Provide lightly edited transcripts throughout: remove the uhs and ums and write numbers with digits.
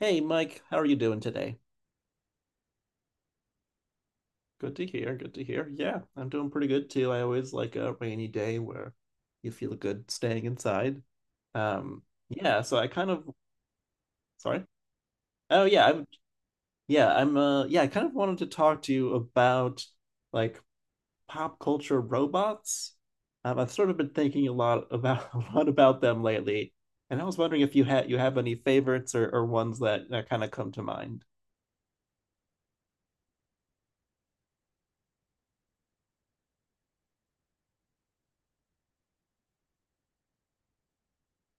Hey Mike, how are you doing today? Good to hear. Good to hear. Yeah, I'm doing pretty good too. I always like a rainy day where you feel good staying inside. Um, yeah, so I kind of sorry. Oh yeah, I'm yeah, I kind of wanted to talk to you about like pop culture robots. I've sort of been thinking a lot about a lot about them lately, and I was wondering if you have any favorites or ones that kind of come to mind.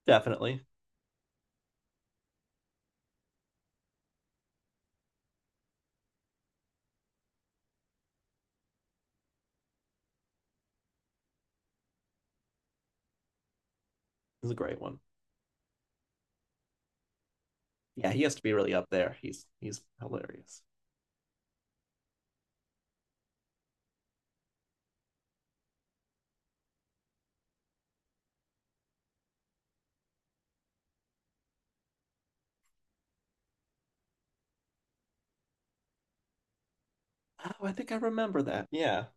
Definitely. It's a great one. Yeah, he has to be really up there. He's hilarious. Oh, I think I remember that. Yeah.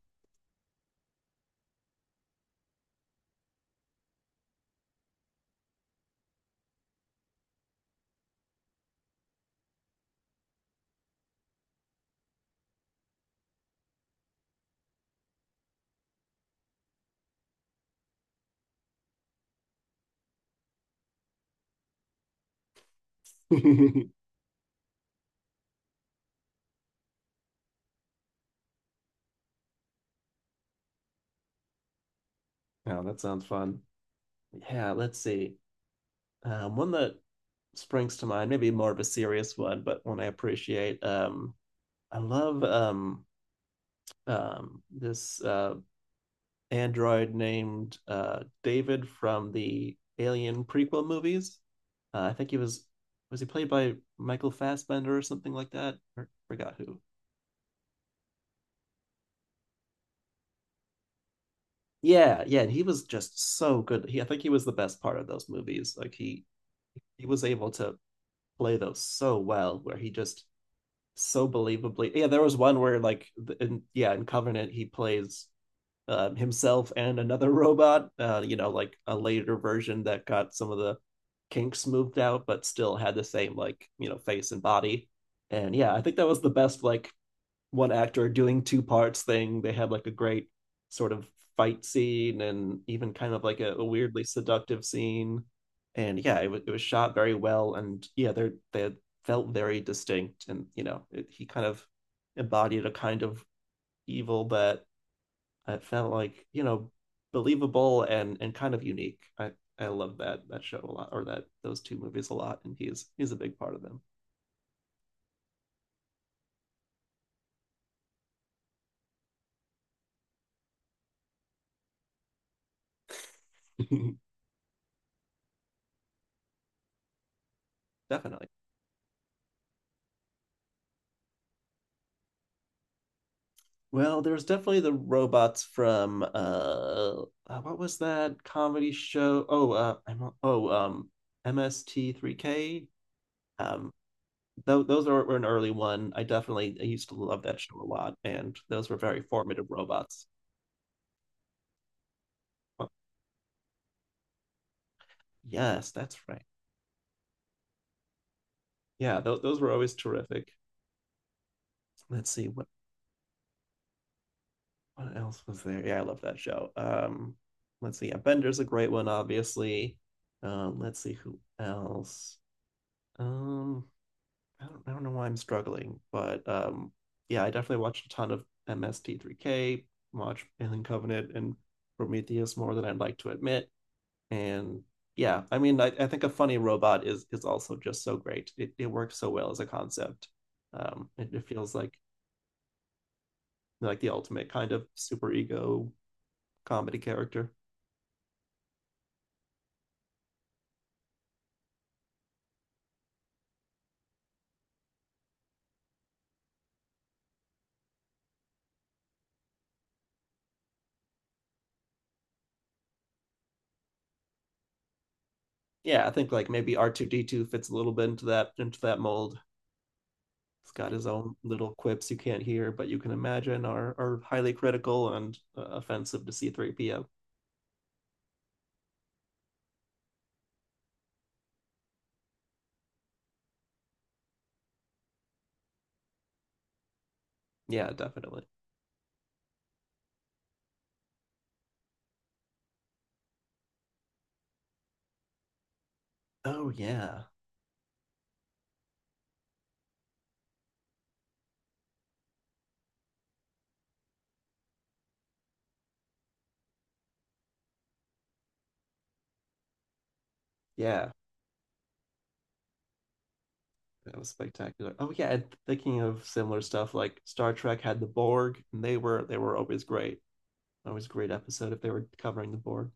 Oh, that sounds fun. Yeah, let's see. One that springs to mind, maybe more of a serious one, but one I appreciate. I love this android named David from the Alien prequel movies. I think he was he played by Michael Fassbender or something like that? Or forgot who. Yeah, yeah, and he was just so good. I think he was the best part of those movies. Like he was able to play those so well, where he just so believably. Yeah, there was one where in Covenant he plays himself and another robot. You know, like a later version that got some of the kinks moved out, but still had the same like you know face and body. And yeah, I think that was the best like one actor doing two parts thing. They had like a great sort of fight scene and even kind of like a weirdly seductive scene. And yeah, it was shot very well, and yeah, they felt very distinct, and you know, it, he kind of embodied a kind of evil that I felt like you know believable and kind of unique. I love that show a lot, or that those two movies a lot, and he's a big part of them, definitely. Well, there was definitely the robots from what was that comedy show? Oh, I'm oh MST3K. Um, tho those are were an early one. I used to love that show a lot, and those were very formative robots. Oh, yes, that's right. Yeah, those were always terrific. Let's see what else was there. Yeah, I love that show. Let's see. Yeah, Bender's a great one, obviously. Let's see who else. Um. I don't know why I'm struggling, but yeah, I definitely watched a ton of MST3K, watched Alien Covenant and Prometheus more than I'd like to admit. And yeah, I mean, I think a funny robot is also just so great. It works so well as a concept. It feels like the ultimate kind of super ego comedy character. Yeah, I think like maybe R2D2 fits a little bit into that mold. It's got his own little quips you can't hear, but you can imagine are highly critical and offensive to C3PO. Yeah, definitely. Oh yeah. Yeah. That was spectacular. Oh yeah, and thinking of similar stuff like Star Trek had the Borg, and they were always great. Always a great episode if they were covering the Borg.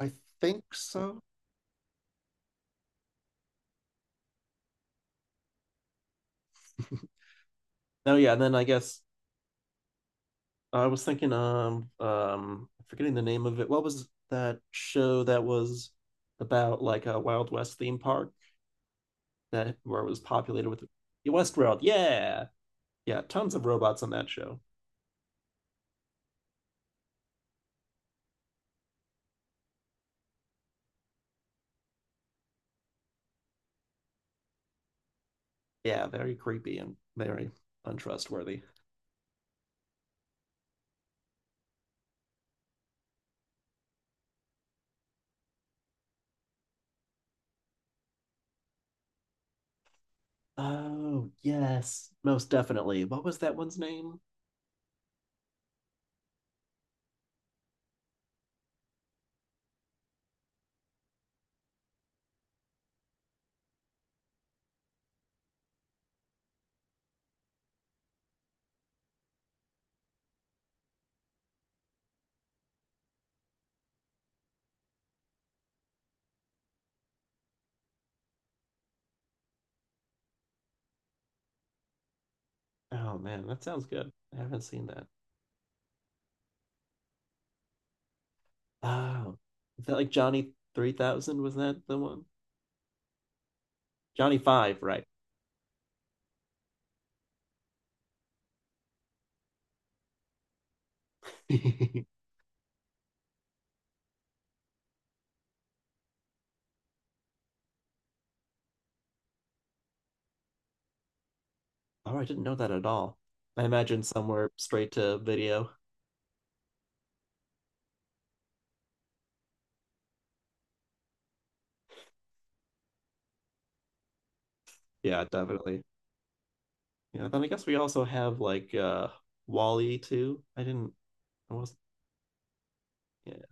I think so. Oh yeah, and then I guess I was thinking forgetting the name of it. What was that show that was about like a Wild West theme park? That where it was populated with Westworld. Yeah, yeah, tons of robots on that show. Yeah, very creepy and very untrustworthy. Oh, yes, most definitely. What was that one's name? Oh man, that sounds good. I haven't seen that. Oh, is that like Johnny 3000? Was that the one? Johnny 5, right? Oh, I didn't know that at all. I imagine somewhere straight to video. Yeah, definitely. Yeah, then I guess we also have like Wall-E too. I didn't I was yeah.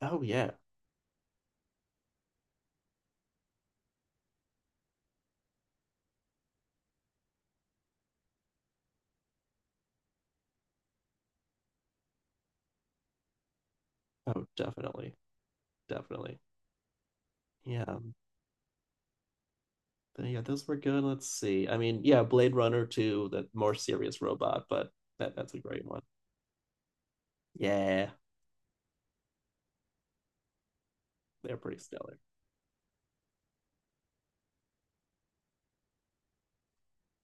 Oh yeah. Oh, definitely. Definitely. Yeah. But yeah, those were good. Let's see. I mean, yeah, Blade Runner 2, that more serious robot, but that's a great one. Yeah, they're pretty stellar.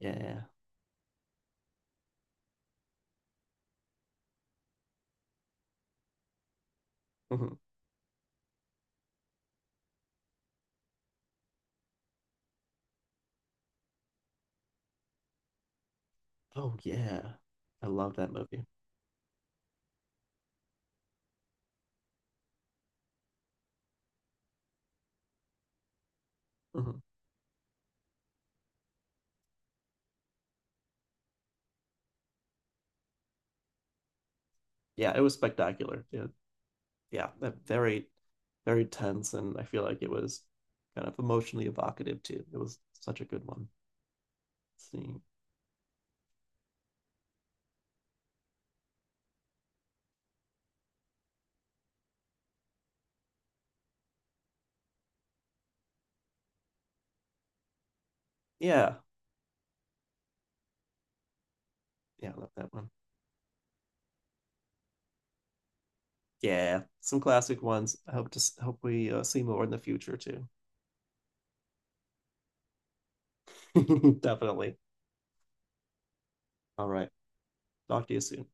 Yeah. Mhm. Oh yeah. I love that movie. Mhm. Yeah, it was spectacular. Yeah, yeah, very, very tense, and I feel like it was kind of emotionally evocative too. It was such a good one. Let's see, yeah, yeah, I love that one. Yeah, some classic ones. I hope to hope we see more in the future too. Definitely. All right. Talk to you soon.